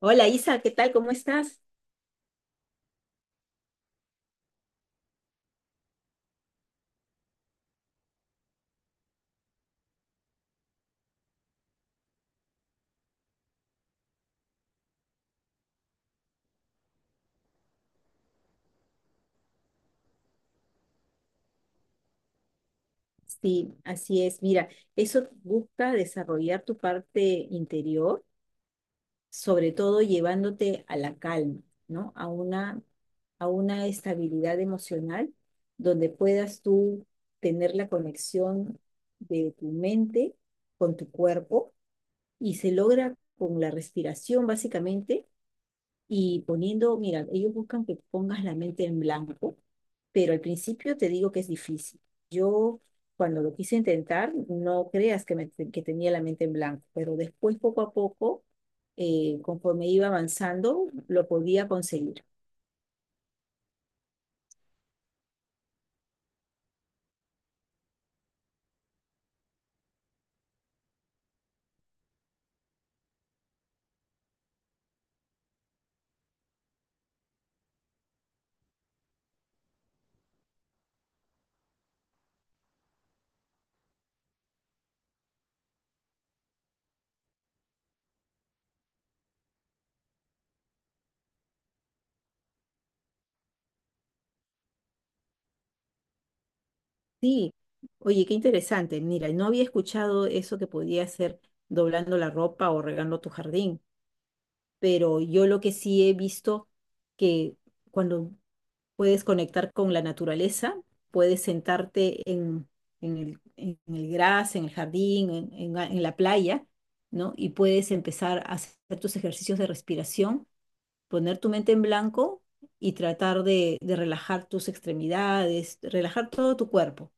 Hola Isa, ¿qué tal? ¿Cómo estás? Sí, así es. Mira, eso busca desarrollar tu parte interior, sobre todo llevándote a la calma, ¿no? A una estabilidad emocional donde puedas tú tener la conexión de tu mente con tu cuerpo y se logra con la respiración, básicamente. Y poniendo, mira, ellos buscan que pongas la mente en blanco, pero al principio te digo que es difícil. Yo cuando lo quise intentar, no creas que tenía la mente en blanco, pero después poco a poco, conforme iba avanzando, lo podía conseguir. Sí, oye, qué interesante. Mira, no había escuchado eso que podía hacer doblando la ropa o regando tu jardín, pero yo lo que sí he visto que cuando puedes conectar con la naturaleza, puedes sentarte en el gras, en el jardín, en la playa, ¿no? Y puedes empezar a hacer tus ejercicios de respiración, poner tu mente en blanco y tratar de relajar tus extremidades, relajar todo tu cuerpo.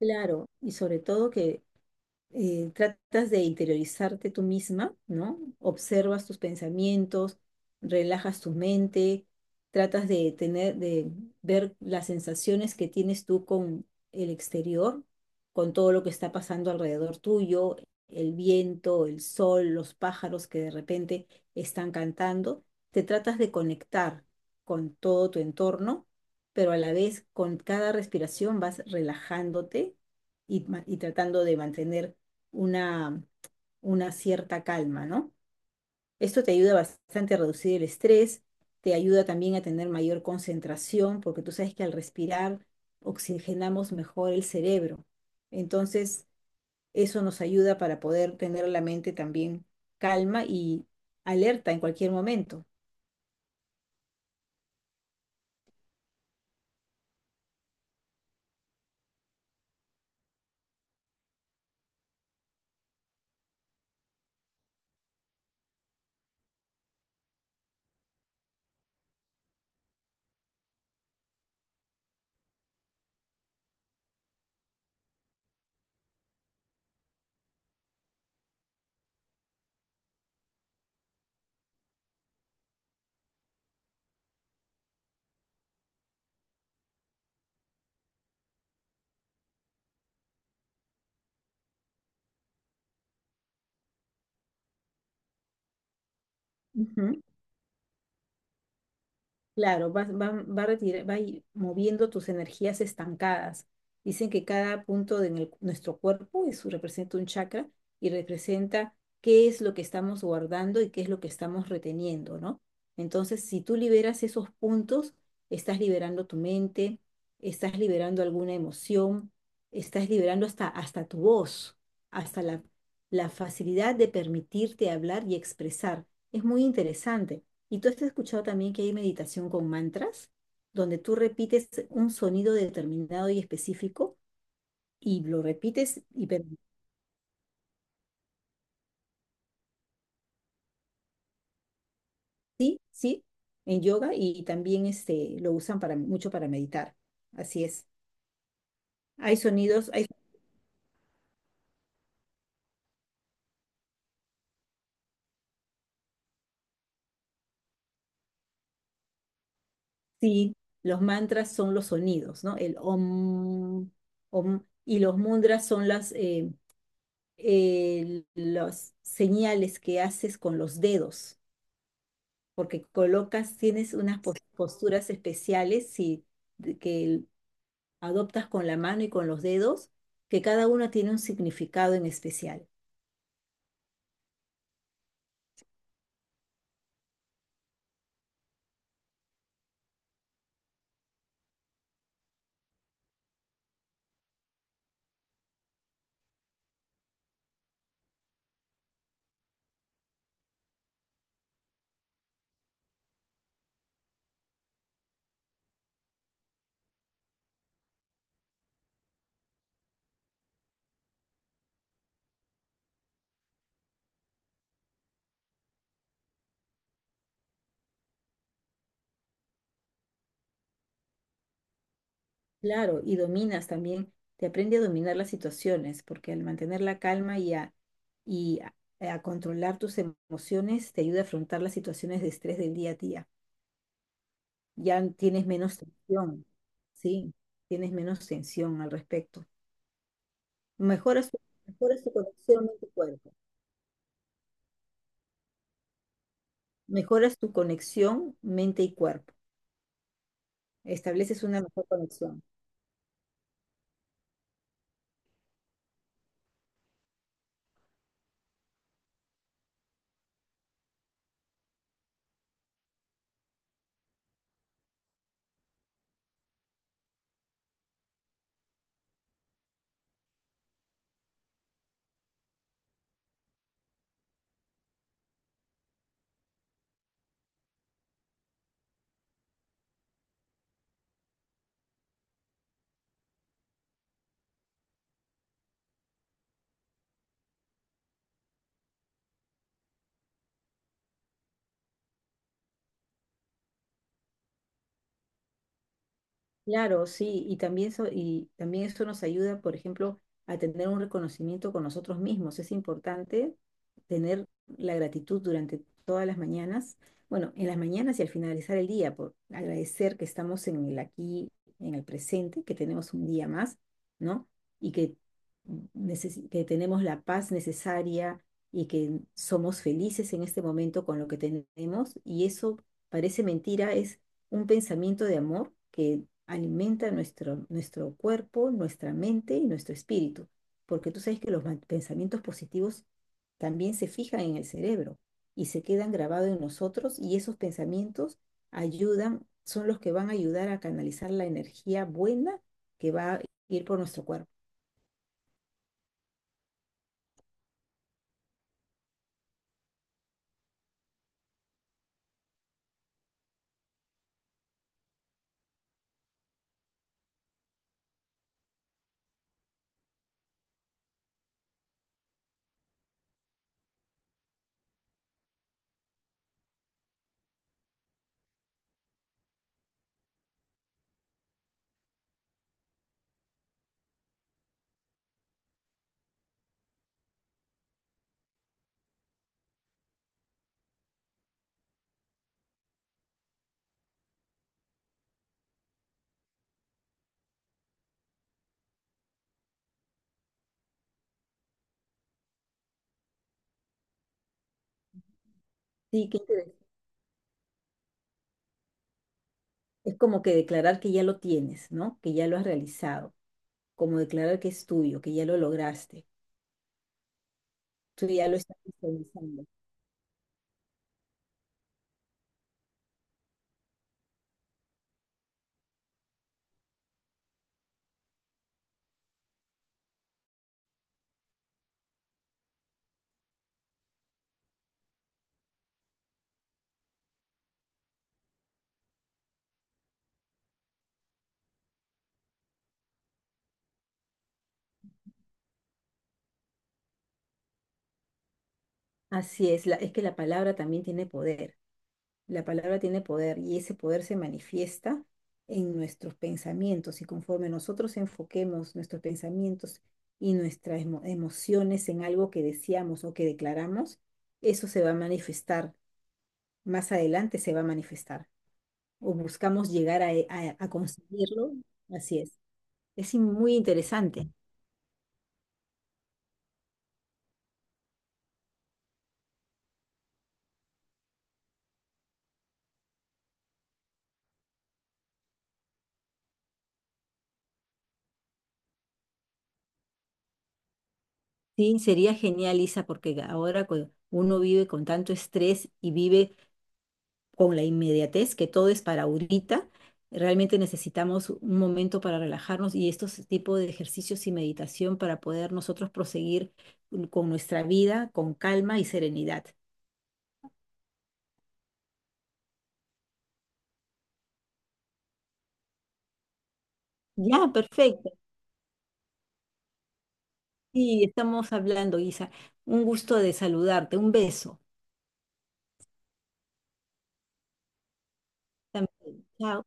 Claro, y sobre todo que tratas de interiorizarte tú misma, ¿no? Observas tus pensamientos, relajas tu mente, tratas de tener, de ver las sensaciones que tienes tú con el exterior, con todo lo que está pasando alrededor tuyo, el viento, el sol, los pájaros que de repente están cantando. Te tratas de conectar con todo tu entorno, pero a la vez con cada respiración vas relajándote y tratando de mantener una, una cierta calma, ¿no? Esto te ayuda bastante a reducir el estrés, te ayuda también a tener mayor concentración, porque tú sabes que al respirar oxigenamos mejor el cerebro. Entonces, eso nos ayuda para poder tener la mente también calma y alerta en cualquier momento. Ujú. Claro, vas- va, va, retira- va y- moviendo tus energías estancadas. Dicen que cada punto de nuestro cuerpo representa un chakra y representa qué es lo que estamos guardando y qué es lo que estamos reteniendo, ¿no? Entonces, si tú liberas esos puntos, estás liberando tu mente, estás liberando alguna emoción, estás liberando hasta tu voz, hasta la, la facilidad de permitirte hablar y expresar. Es muy interesante. Y tú has escuchado también que hay meditación con mantras, donde tú repites un sonido determinado y específico y lo repites sí, sí, en yoga y también este lo usan para mucho para meditar. Así es. Hay sonidos, hay sí, los mantras son los sonidos, ¿no? El om, om, y los mudras son las señales que haces con los dedos porque colocas, tienes unas posturas especiales si, que adoptas con la mano y con los dedos, que cada una tiene un significado en especial. Claro, y dominas también, te aprende a dominar las situaciones, porque al mantener la calma y a a controlar tus emociones, te ayuda a afrontar las situaciones de estrés del día a día. Ya tienes menos tensión, sí, tienes menos tensión al respecto. Mejoras tu, mejoras tu conexión en tu cuerpo. Mejoras tu conexión mente y cuerpo. Estableces una mejor conexión. Claro, sí, y también eso nos ayuda, por ejemplo, a tener un reconocimiento con nosotros mismos. Es importante tener la gratitud durante todas las mañanas, bueno, en las mañanas y al finalizar el día, por agradecer que estamos en el aquí, en el presente, que tenemos un día más, ¿no? Y que, que tenemos la paz necesaria y que somos felices en este momento con lo que tenemos. Y eso parece mentira, un pensamiento de amor que alimenta nuestro cuerpo, nuestra mente y nuestro espíritu, porque tú sabes que los pensamientos positivos también se fijan en el cerebro y se quedan grabados en nosotros y esos pensamientos ayudan, son los que van a ayudar a canalizar la energía buena que va a ir por nuestro cuerpo. Sí, qué interesante. Es como que declarar que ya lo tienes, ¿no? Que ya lo has realizado, como declarar que es tuyo, que ya lo lograste, tú ya lo estás visualizando. Así es, es que la palabra también tiene poder. La palabra tiene poder y ese poder se manifiesta en nuestros pensamientos y conforme nosotros enfoquemos nuestros pensamientos y nuestras emociones en algo que deseamos o que declaramos, eso se va a manifestar. Más adelante se va a manifestar o buscamos llegar a conseguirlo. Así es. Es muy interesante. Sí, sería genial, Isa, porque ahora uno vive con tanto estrés y vive con la inmediatez, que todo es para ahorita. Realmente necesitamos un momento para relajarnos y estos tipos de ejercicios y meditación para poder nosotros proseguir con nuestra vida con calma y serenidad. Ya, perfecto. Sí, estamos hablando, Isa. Un gusto de saludarte. Un beso. También. Chao.